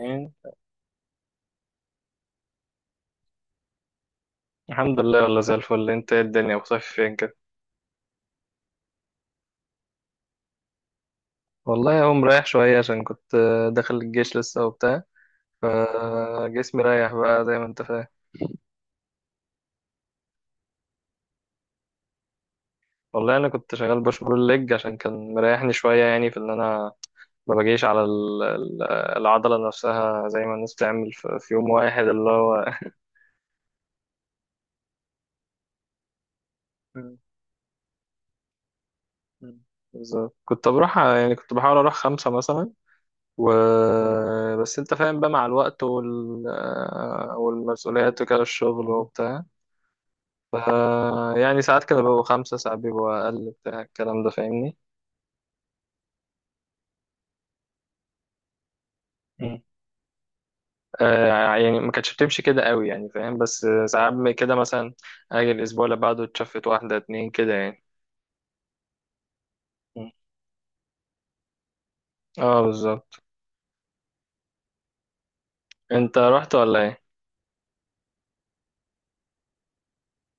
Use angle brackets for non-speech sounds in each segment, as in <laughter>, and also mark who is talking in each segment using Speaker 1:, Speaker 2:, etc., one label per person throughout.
Speaker 1: يعني، الحمد لله، والله زي الفل. انت ايه؟ الدنيا وصيف فين كده؟ والله اهو مريح شوية عشان كنت داخل الجيش لسه وبتاع، فجسمي رايح بقى زي ما انت فاهم. والله انا كنت شغال بوش بول ليج عشان كان مريحني شوية، يعني في ان انا ما باجيش على العضلة نفسها زي ما الناس بتعمل في يوم واحد اللي هو. مم. مم. بالظبط، كنت بروح، يعني كنت بحاول اروح خمسة مثلا، و بس انت فاهم بقى مع الوقت والمسؤوليات وكده الشغل وبتاع. ف يعني ساعات كانوا بيبقوا خمسة، ساعات بيبقوا أقل، بتاع الكلام ده فاهمني. مم. آه، يعني ما كانتش بتمشي كده قوي، يعني فاهم، بس ساعات كده مثلا أجي الأسبوع اللي بعده اتشفت واحدة اتنين كده يعني. مم. اه بالظبط. انت رحت ولا ايه؟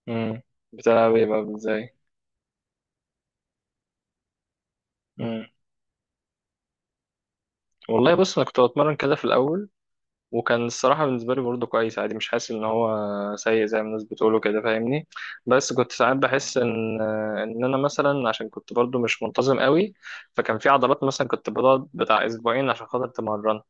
Speaker 1: مم. بتلعب ايه بقى ازاي؟ مم. والله بص، انا كنت بتمرن كده في الأول، وكان الصراحة بالنسبة لي برضه كويس، عادي، مش حاسس إن هو سيء زي ما الناس بتقوله كده فاهمني. بس كنت ساعات بحس إن أنا مثلا عشان كنت برضه مش منتظم قوي، فكان في عضلات مثلا كنت بقعد بتاع أسبوعين عشان خاطر تمرن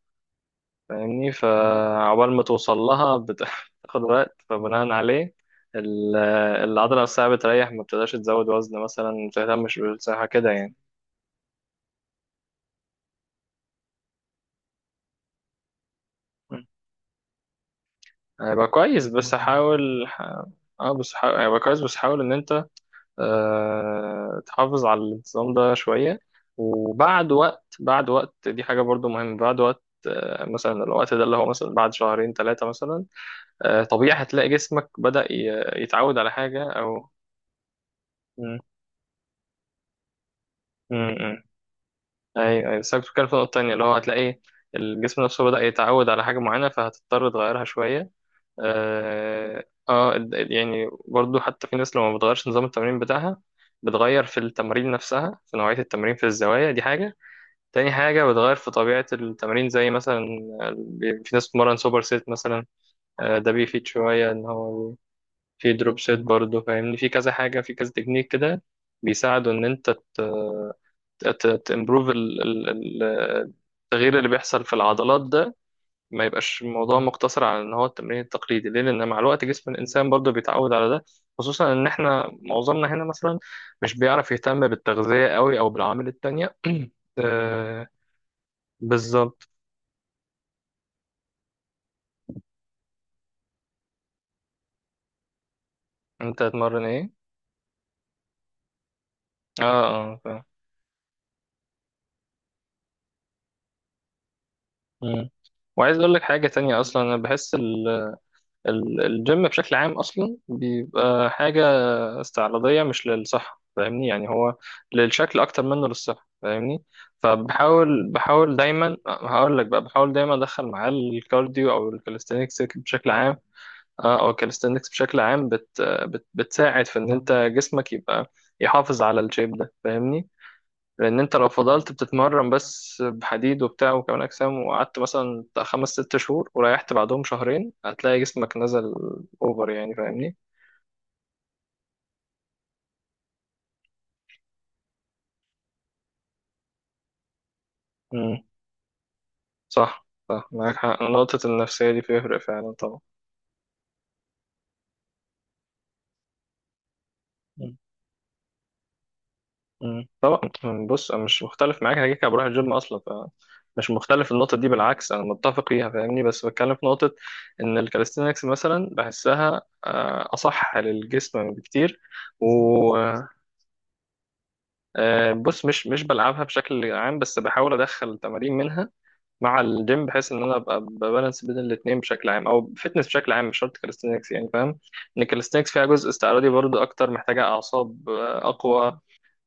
Speaker 1: فاهمني، فعقبال ما توصل لها بتاخد <laughs> وقت، فبناء عليه ال- العضلة نفسها بتريح، ما بتقدرش تزود وزن مثلا، ما بتهتمش بالصحة كده يعني. هيبقى كويس بس حاول بس حاول هيبقى كويس بس حاول ان انت تحافظ على الانتظام ده شوية. وبعد وقت، بعد وقت، دي حاجة برضو مهمة. بعد وقت مثلا، الوقت ده اللي هو مثلا بعد شهرين ثلاثة مثلا، طبيعي هتلاقي جسمك بدأ يتعود على حاجة أو م- م- م. أيوه أيوه، بس أنا كنت بتكلم في نقطة تانية اللي هو هتلاقي الجسم نفسه بدأ يتعود على حاجة معينة فهتضطر تغيرها شوية. اه يعني برضو، حتى في ناس لو ما بتغيرش نظام التمرين بتاعها، بتغير في التمارين نفسها، في نوعية التمرين، في الزوايا، دي حاجة. تاني حاجة، بتغير في طبيعة التمرين زي مثلا في ناس بتتمرن سوبر سيت مثلا. ده بيفيد شوية إن هو في دروب سيت برضه فاهمني، في كذا حاجة، في كذا تكنيك كده بيساعدوا إن أنت تمبروف التغيير اللي بيحصل في العضلات ده. ما يبقاش الموضوع مقتصر على إن هو التمرين التقليدي ليه؟ لأن مع الوقت جسم الإنسان برضه بيتعود على ده، خصوصا إن إحنا معظمنا هنا مثلا مش بيعرف يهتم بالتغذية قوي أو بالعوامل التانية. <clears throat> آه، بالظبط. انت هتمرن ايه. اه اه فاهم. مم. وعايز اقول لك حاجه تانية، اصلا انا بحس الجيم بشكل عام اصلا بيبقى حاجه استعراضيه مش للصحه فاهمني، يعني هو للشكل اكتر منه للصحه فاهمني. فبحاول، بحاول دايما، هقول لك بقى، بحاول دايما ادخل معاه الكارديو او الكاليستينكس بشكل عام. اه او الكاليستينكس بشكل عام بت بتساعد في ان انت جسمك يبقى يحافظ على الشيب ده فاهمني. لان انت لو فضلت بتتمرن بس بحديد وبتاع وكمال اجسام، وقعدت مثلا بتاع خمس ست شهور وريحت بعدهم شهرين، هتلاقي جسمك نزل اوفر يعني فاهمني. امم. صح صح، معاك حق، نقطة النفسية دي بيفرق فعلا طبعا. مم. مم. طبعا، بص انا مش مختلف معاك، انا كده كده بروح الجيم اصلا، فمش مختلف في النقطة دي، بالعكس انا متفق فيها فاهمني. بس بتكلم في نقطة ان الكاليستينكس مثلا بحسها اصح للجسم بكتير. بص، مش بلعبها بشكل عام بس بحاول ادخل تمارين منها مع الجيم، بحيث ان انا ابقى ببالانس بين الاثنين بشكل عام، او فيتنس بشكل عام، مش شرط كاليستنكس يعني فاهم. ان الكاليستنكس فيها جزء استعراضي برضه اكتر، محتاجه اعصاب اقوى،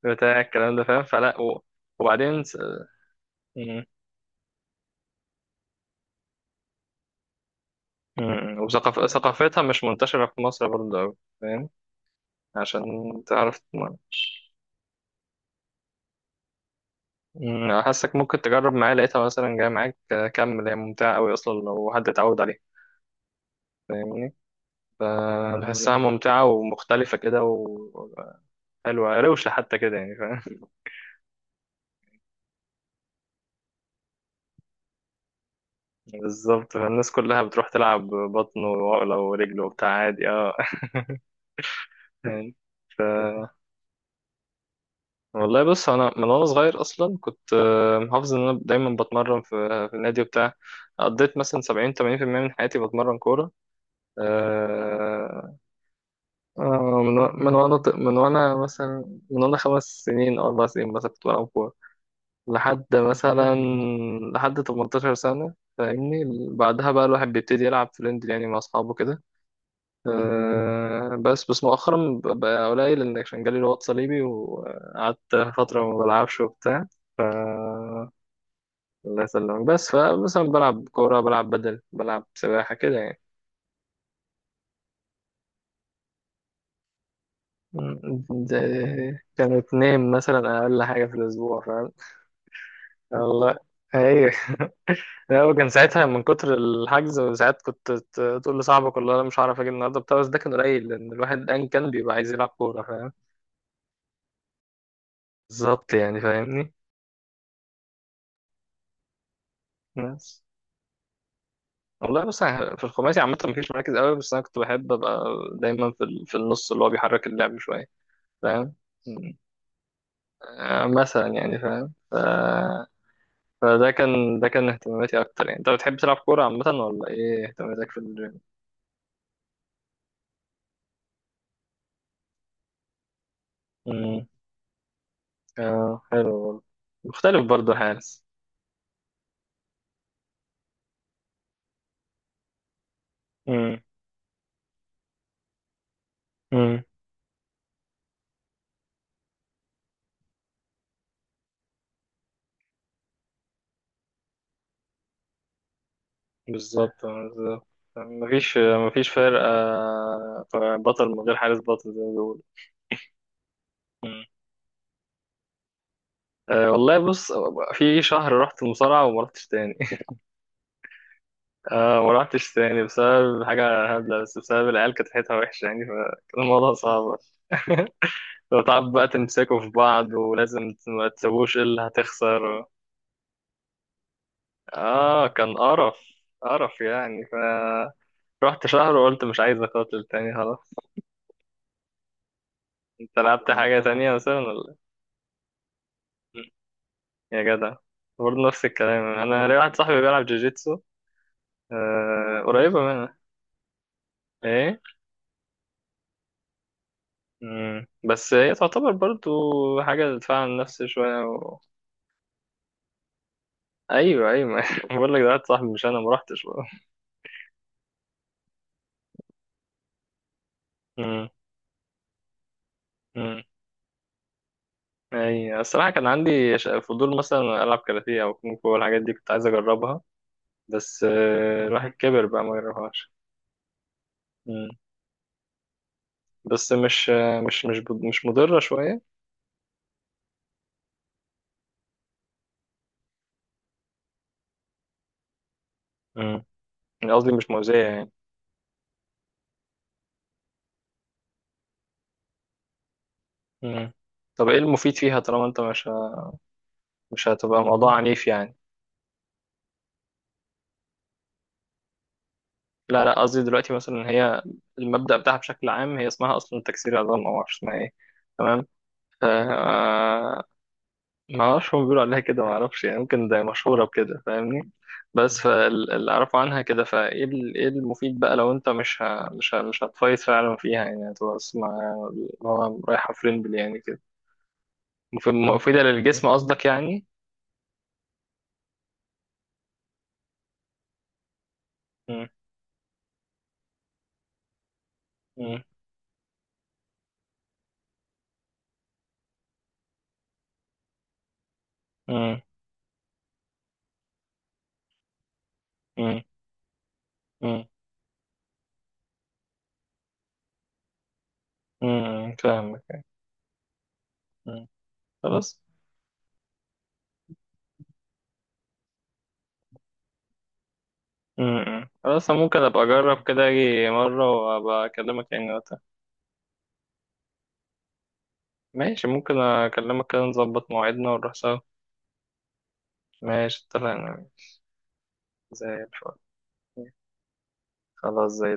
Speaker 1: بتاع الكلام ده فاهم. فلا و... وبعدين م- ثقافتها مش منتشره في مصر برضه أوي فاهم. عشان تعرف حاسك ممكن تجرب معايا، لقيتها مثلا جايه معاك كمل. هي ممتعه قوي اصلا لو حد اتعود عليها فاهمني، فبحسها ممتعة ومختلفة كده وحلوة روشة حتى كده يعني فاهم. بالظبط، فالناس كلها بتروح تلعب بطن وعقلة ورجل وبتاع عادي. اه <laughs> يعني. ف والله بص انا من وانا صغير اصلا كنت محافظ ان انا دايما بتمرن في النادي وبتاع، قضيت مثلا 70 80% من حياتي بتمرن كورة. آه، آه، من و- من وانا ط- من وانا مثلا من وانا 5 سنين او 4 سنين مثلا كنت بلعب كورة لحد مثلا لحد 18 سنة فاهمني. بعدها بقى الواحد بيبتدي يلعب فريند، يعني مع أصحابه كده. أه بس مؤخرا بقى قليل، لأن عشان جالي رباط صليبي وقعدت فترة ما بلعبش وبتاع. الله يسلمك، بس فمثلا بلعب كورة، بلعب بدل، بلعب سباحة كده يعني. مم. ده كانوا اتنين مثلا أقل حاجة في الأسبوع فاهم. الله. أيوه. هو كان ساعتها من كتر الحجز، ساعات كنت تقول لصاحبك والله انا مش هعرف اجي النهارده بتاع، بس ده كان قليل لان الواحد ان كان بيبقى عايز يلعب كوره فاهم. بالظبط يعني فاهمني. بس والله بص، أنا في الخماسي عامه مفيش مراكز قوي، بس انا كنت بحب ابقى دايما في في النص اللي هو بيحرك اللعب شويه فاهم. مثلا يعني فاهم. ف... فده كان ده كان اهتماماتي اكتر يعني. انت بتحب تلعب كوره عامه ولا ايه اهتماماتك في الجيم؟ امم. اه حلو برضه، مختلف برضه الحارس. امم. بالظبط، بالظبط. مفيش فرق بطل من غير حارس بطل زي ما بيقولوا. مم. أه والله بص، في شهر رحت مصارعة وما رحتش تاني. <laughs> أه، ما رحتش تاني بسبب حاجة هبلة، بس بسبب العيال كانت ريحتها وحشة، يعني فكان الموضوع صعب. <laughs> لو تعرف بقى تمسكوا في بعض، ولازم ما تسووش إلا هتخسر. اه كان قرف، قرف يعني. ف رحت شهر وقلت مش عايز أقاتل تاني خلاص. انت لعبت حاجة تانية مثلا ولا؟ يا جدع، برضه نفس الكلام، انا ليا واحد صاحبي بيلعب جوجيتسو. قريبه منها. ايه. مم. بس هي تعتبر برضه حاجه دفاع عن النفس شويه و... ايوه ايوه. <laughs> بقول لك، ده واحد صاحبي، مش انا، ما رحتش بقى. مم. مم. اي الصراحه كان عندي فضول مثلا العب كاراتيه او كونغ فو والحاجات دي، كنت عايز اجربها، بس الواحد كبر بقى ما جربهاش. مم. بس مش آه، مش مش ب- مش مضره شويه. مم. قصدي مش مؤذيه يعني. مم. طب ايه المفيد فيها طالما انت مش هتبقى موضوع عنيف يعني؟ لا لا، قصدي دلوقتي مثلا إن هي المبدأ بتاعها بشكل عام، هي اسمها اصلا تكسير عظام او معرفش اسمها ايه. تمام. ف آه، ما اعرفش، هم بيقولوا عليها كده ما اعرفش يعني، ممكن ده مشهوره بكده فاهمني. بس فاللي اعرفه عنها كده، فايه ايه المفيد بقى لو انت مش هتفايت فعلا فيها يعني، هتبقى اسمع هو رايحه فريمبل يعني كده. مفيده للجسم قصدك يعني. م- م- م- م- م- فاهمك. م. خلاص. امم، خلاص، أنا ممكن ابقى اجرب كده اجي مره وابقى اكلمك يعني وقتها. ماشي، ممكن اكلمك كده نظبط مواعيدنا ونروح سوا. ماشي اتفقنا. زي الفل. خلاص زي.